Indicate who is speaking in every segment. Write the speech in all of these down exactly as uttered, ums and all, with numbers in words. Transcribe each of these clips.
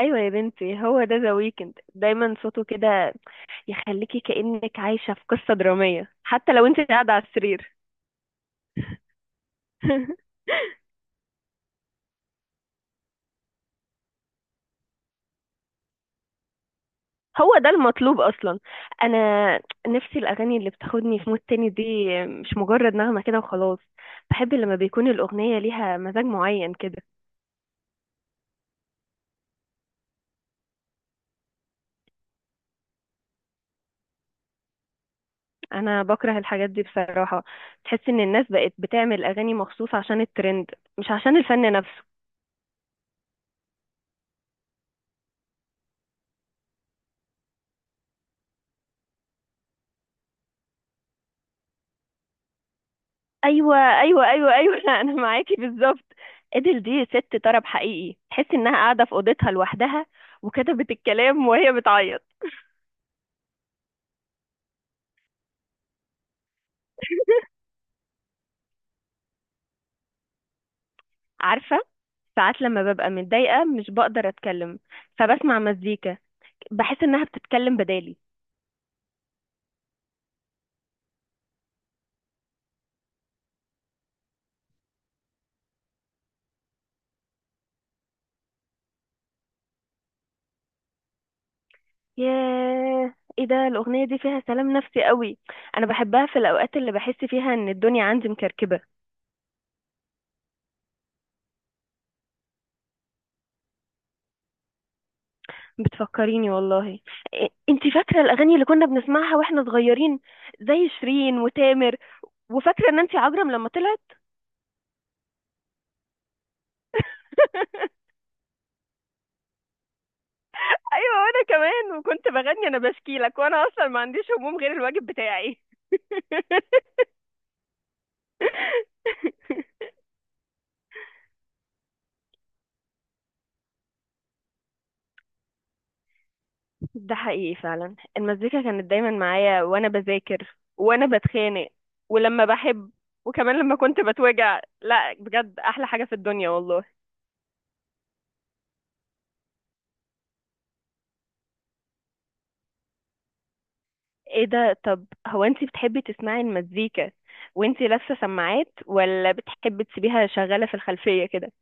Speaker 1: ايوه يا بنتي، هو ده ذا ويكند دايما صوته كده، يخليكي كأنك عايشة في قصة درامية حتى لو انت قاعدة على السرير. هو ده المطلوب اصلا. انا نفسي الاغاني اللي بتاخدني في مود تاني دي، مش مجرد نغمة كده وخلاص. بحب لما بيكون الاغنية ليها مزاج معين كده. انا بكره الحاجات دي بصراحة، تحس ان الناس بقت بتعمل اغاني مخصوص عشان الترند، مش عشان الفن نفسه. ايوه ايوه ايوه ايوه، انا معاكي بالظبط. ادل دي ست طرب حقيقي، تحس انها قاعده في اوضتها لوحدها وكتبت الكلام وهي بتعيط. عارفه، ساعات لما ببقى متضايقه مش بقدر اتكلم، فبسمع مزيكا، بحس انها بتتكلم بدالي. ياه، ايه ده، الاغنيه دي فيها سلام نفسي قوي. انا بحبها في الاوقات اللي بحس فيها ان الدنيا عندي مكركبه. بتفكريني والله. إيه، انتي فاكره الاغاني اللي كنا بنسمعها واحنا صغيرين، زي شيرين وتامر؟ وفاكره نانسي عجرم لما طلعت؟ ايوه وانا كمان، وكنت بغني انا بشكي لك وانا اصلا ما عنديش هموم غير الواجب بتاعي. ده حقيقي فعلا، المزيكا كانت دايما معايا وانا بذاكر وانا بتخانق ولما بحب، وكمان لما كنت بتوجع، لا بجد احلى حاجه في الدنيا والله. ايه ده، طب هو انتي بتحبي تسمعي المزيكا وانتي لابسه سماعات، ولا بتحبي تسيبيها شغاله في الخلفيه كده؟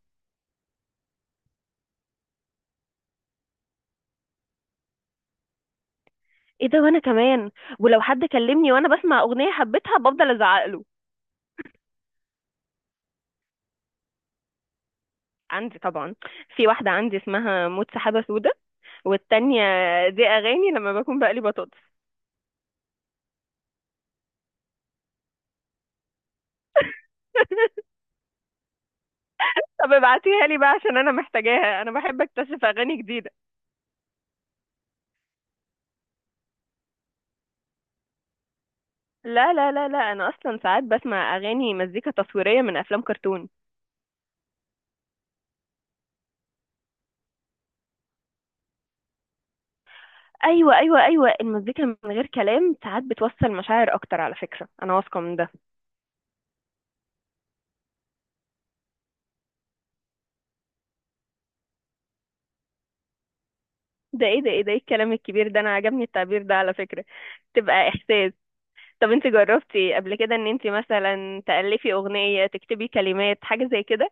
Speaker 1: ايه ده، وانا كمان. ولو حد كلمني وانا بسمع اغنيه حبيتها بفضل ازعق له. عندي طبعا. في واحده عندي اسمها موت سحابه سودا، والتانية دي اغاني لما بكون بقلي بطاطس. طب ابعتيها لي بقى عشان انا محتاجاها، انا بحب اكتشف اغاني جديده. لا لا لا لا، انا اصلا ساعات بسمع اغاني مزيكا تصويريه من افلام كرتون. ايوه ايوه ايوه، المزيكا من غير كلام ساعات بتوصل مشاعر اكتر على فكره، انا واثقه من ده. ده ايه ده ايه ده ايه الكلام الكبير ده، انا عجبني التعبير ده على فكره، تبقى احساس. طب انت جربتي قبل كده ان انت مثلا تألفي اغنية تكتبي كلمات حاجة زي كده؟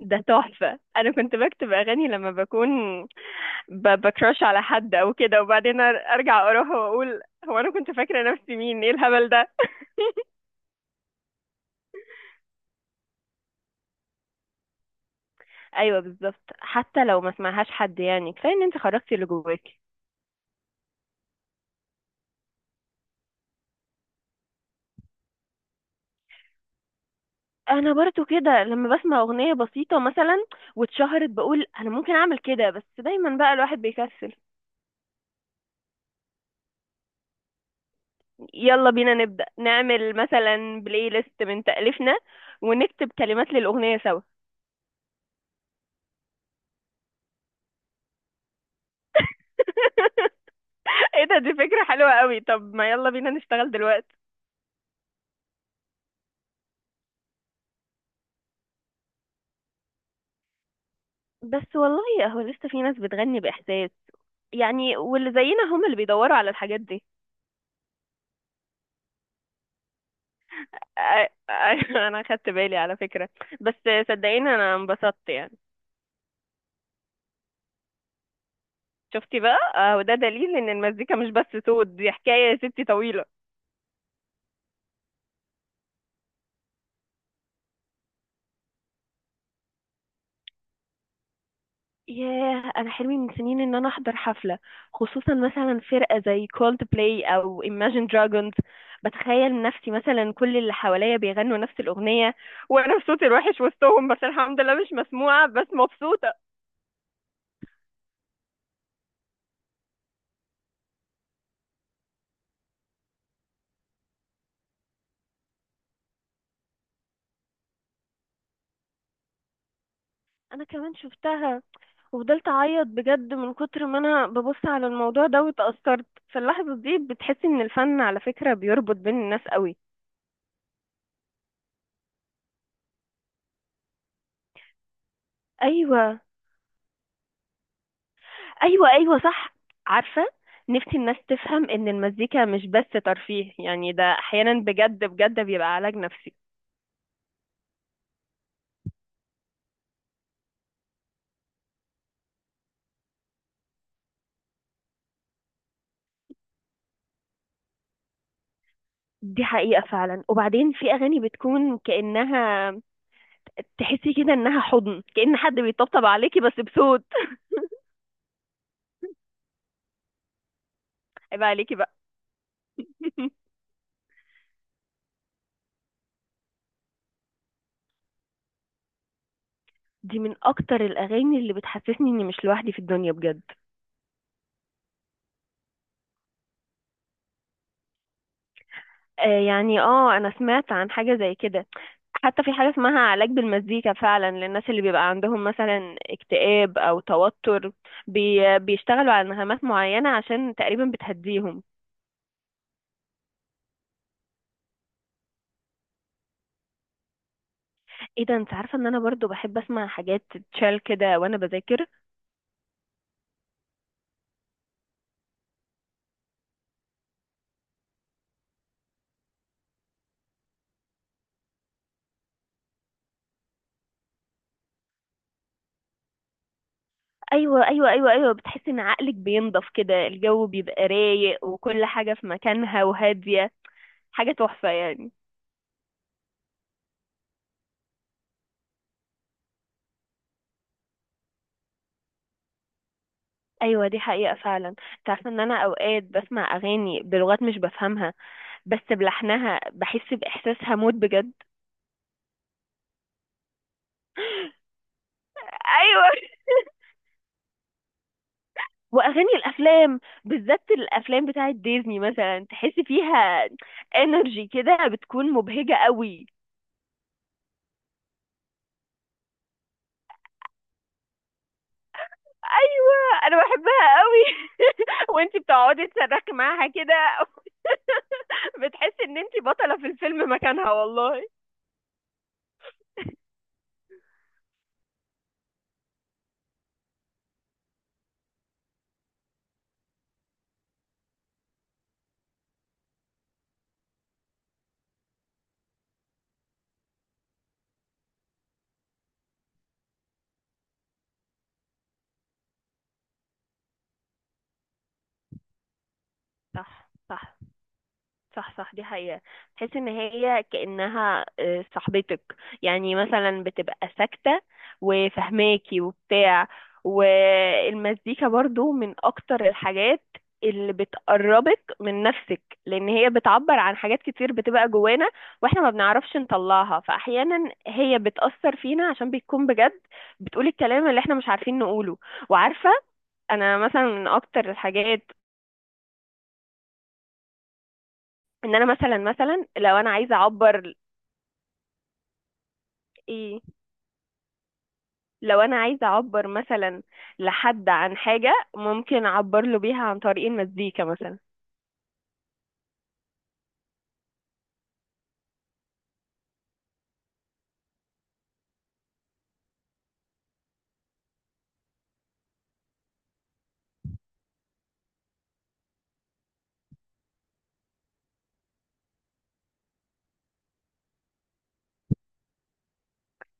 Speaker 1: ده تحفة، انا كنت بكتب اغاني لما بكون ب- بكراش على حد او كده، وبعدين ار- ارجع اروح واقول هو انا كنت فاكرة نفسي مين، ايه الهبل ده. ايوه بالظبط، حتى لو ما سمعهاش حد يعني كفاية ان انت خرجتي اللي جواكي. انا برضو كده، لما بسمع اغنية بسيطة مثلا واتشهرت بقول انا ممكن اعمل كده، بس دايما بقى الواحد بيكسل. يلا بينا نبدأ نعمل مثلا بلاي ليست من تأليفنا، ونكتب كلمات للأغنية سوا. ايه ده، دي فكرة حلوة قوي، طب ما يلا بينا نشتغل دلوقتي. بس والله هو لسه في ناس بتغني بإحساس يعني، واللي زينا هم اللي بيدوروا على الحاجات دي. أ- أ- انا خدت بالي على فكرة، بس صدقيني انا انبسطت يعني. شفتي بقى، آه، وده دليل ان المزيكا مش بس صوت، دي حكاية يا ستي طويلة. ياه، انا حلمي من سنين ان انا احضر حفله، خصوصا مثلا فرقه زي كولد بلاي او Imagine Dragons. بتخيل نفسي مثلا كل اللي حواليا بيغنوا نفس الاغنيه، وانا في صوتي الوحش وسطهم، بس الحمد لله مش مسموعه بس مبسوطه. انا كمان شفتها، وفضلت اعيط بجد من كتر ما انا ببص على الموضوع ده واتأثرت. فاللحظه دي بتحسي ان الفن على فكره بيربط بين الناس قوي. ايوه، ايوه ايوه صح. عارفه، نفسي الناس تفهم ان المزيكا مش بس ترفيه يعني، ده احيانا بجد بجد بيبقى علاج نفسي. دي حقيقه فعلا. وبعدين في اغاني بتكون كانها، تحسي كده انها حضن، كأن حد بيطبطب عليكي بس بصوت. عيب عليكي بقى. دي من اكتر الاغاني اللي بتحسسني اني مش لوحدي في الدنيا بجد. آه يعني، اه انا سمعت عن حاجه زي كده. حتى في حاجة اسمها علاج بالمزيكا فعلا للناس اللي بيبقى عندهم مثلا اكتئاب أو توتر. بي بيشتغلوا على نغمات معينة عشان تقريبا بتهديهم. ايه ده، انت عارفة ان انا برضو بحب اسمع حاجات تشال كده وانا بذاكر. ايوه ايوه ايوه ايوه، بتحس ان عقلك بينضف كده، الجو بيبقى رايق وكل حاجة في مكانها وهادية، حاجة تحفة يعني. ايوه دي حقيقة فعلا. انت عارفة ان انا اوقات بسمع اغاني بلغات مش بفهمها، بس بلحنها بحس باحساسها موت بجد. ايوه واغاني الافلام، بالذات الافلام بتاعه ديزني مثلا، تحس فيها انرجي كده بتكون مبهجه قوي. ايوه انا بحبها قوي. وانتي بتقعدي تصرخي معاها كده، بتحسي ان انتي بطلة في الفيلم مكانها والله. صح صح، صح صح، دي حقيقة. تحس ان هي كأنها آه، صاحبتك يعني، مثلا بتبقى ساكتة وفهماكي وبتاع. والمزيكا برضو من اكتر الحاجات اللي بتقربك من نفسك، لان هي بتعبر عن حاجات كتير بتبقى جوانا واحنا ما بنعرفش نطلعها، فاحيانا هي بتأثر فينا عشان بتكون بجد بتقول الكلام اللي احنا مش عارفين نقوله. وعارفة، انا مثلا من اكتر الحاجات، ان انا مثلا مثلا لو انا عايزة اعبر، ايه، لو انا عايزه اعبر مثلا لحد عن حاجه ممكن اعبر له بيها عن طريق المزيكا مثلا.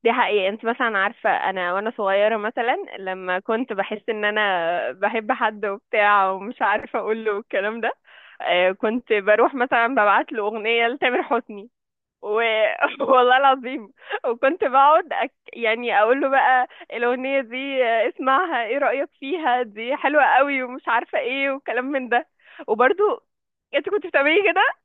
Speaker 1: دي حقيقة. انت مثلا عارفة انا وانا صغيرة مثلا، لما كنت بحس ان انا بحب حد وبتاع ومش عارفة اقول له الكلام ده، آه، كنت بروح مثلا ببعت له اغنية لتامر حسني. و... والله العظيم. وكنت بقعد أك... يعني اقول له بقى الاغنيه دي آه، اسمعها ايه رايك فيها، دي حلوه قوي ومش عارفه ايه وكلام من ده. وبرضو انت كنت بتعملي كده؟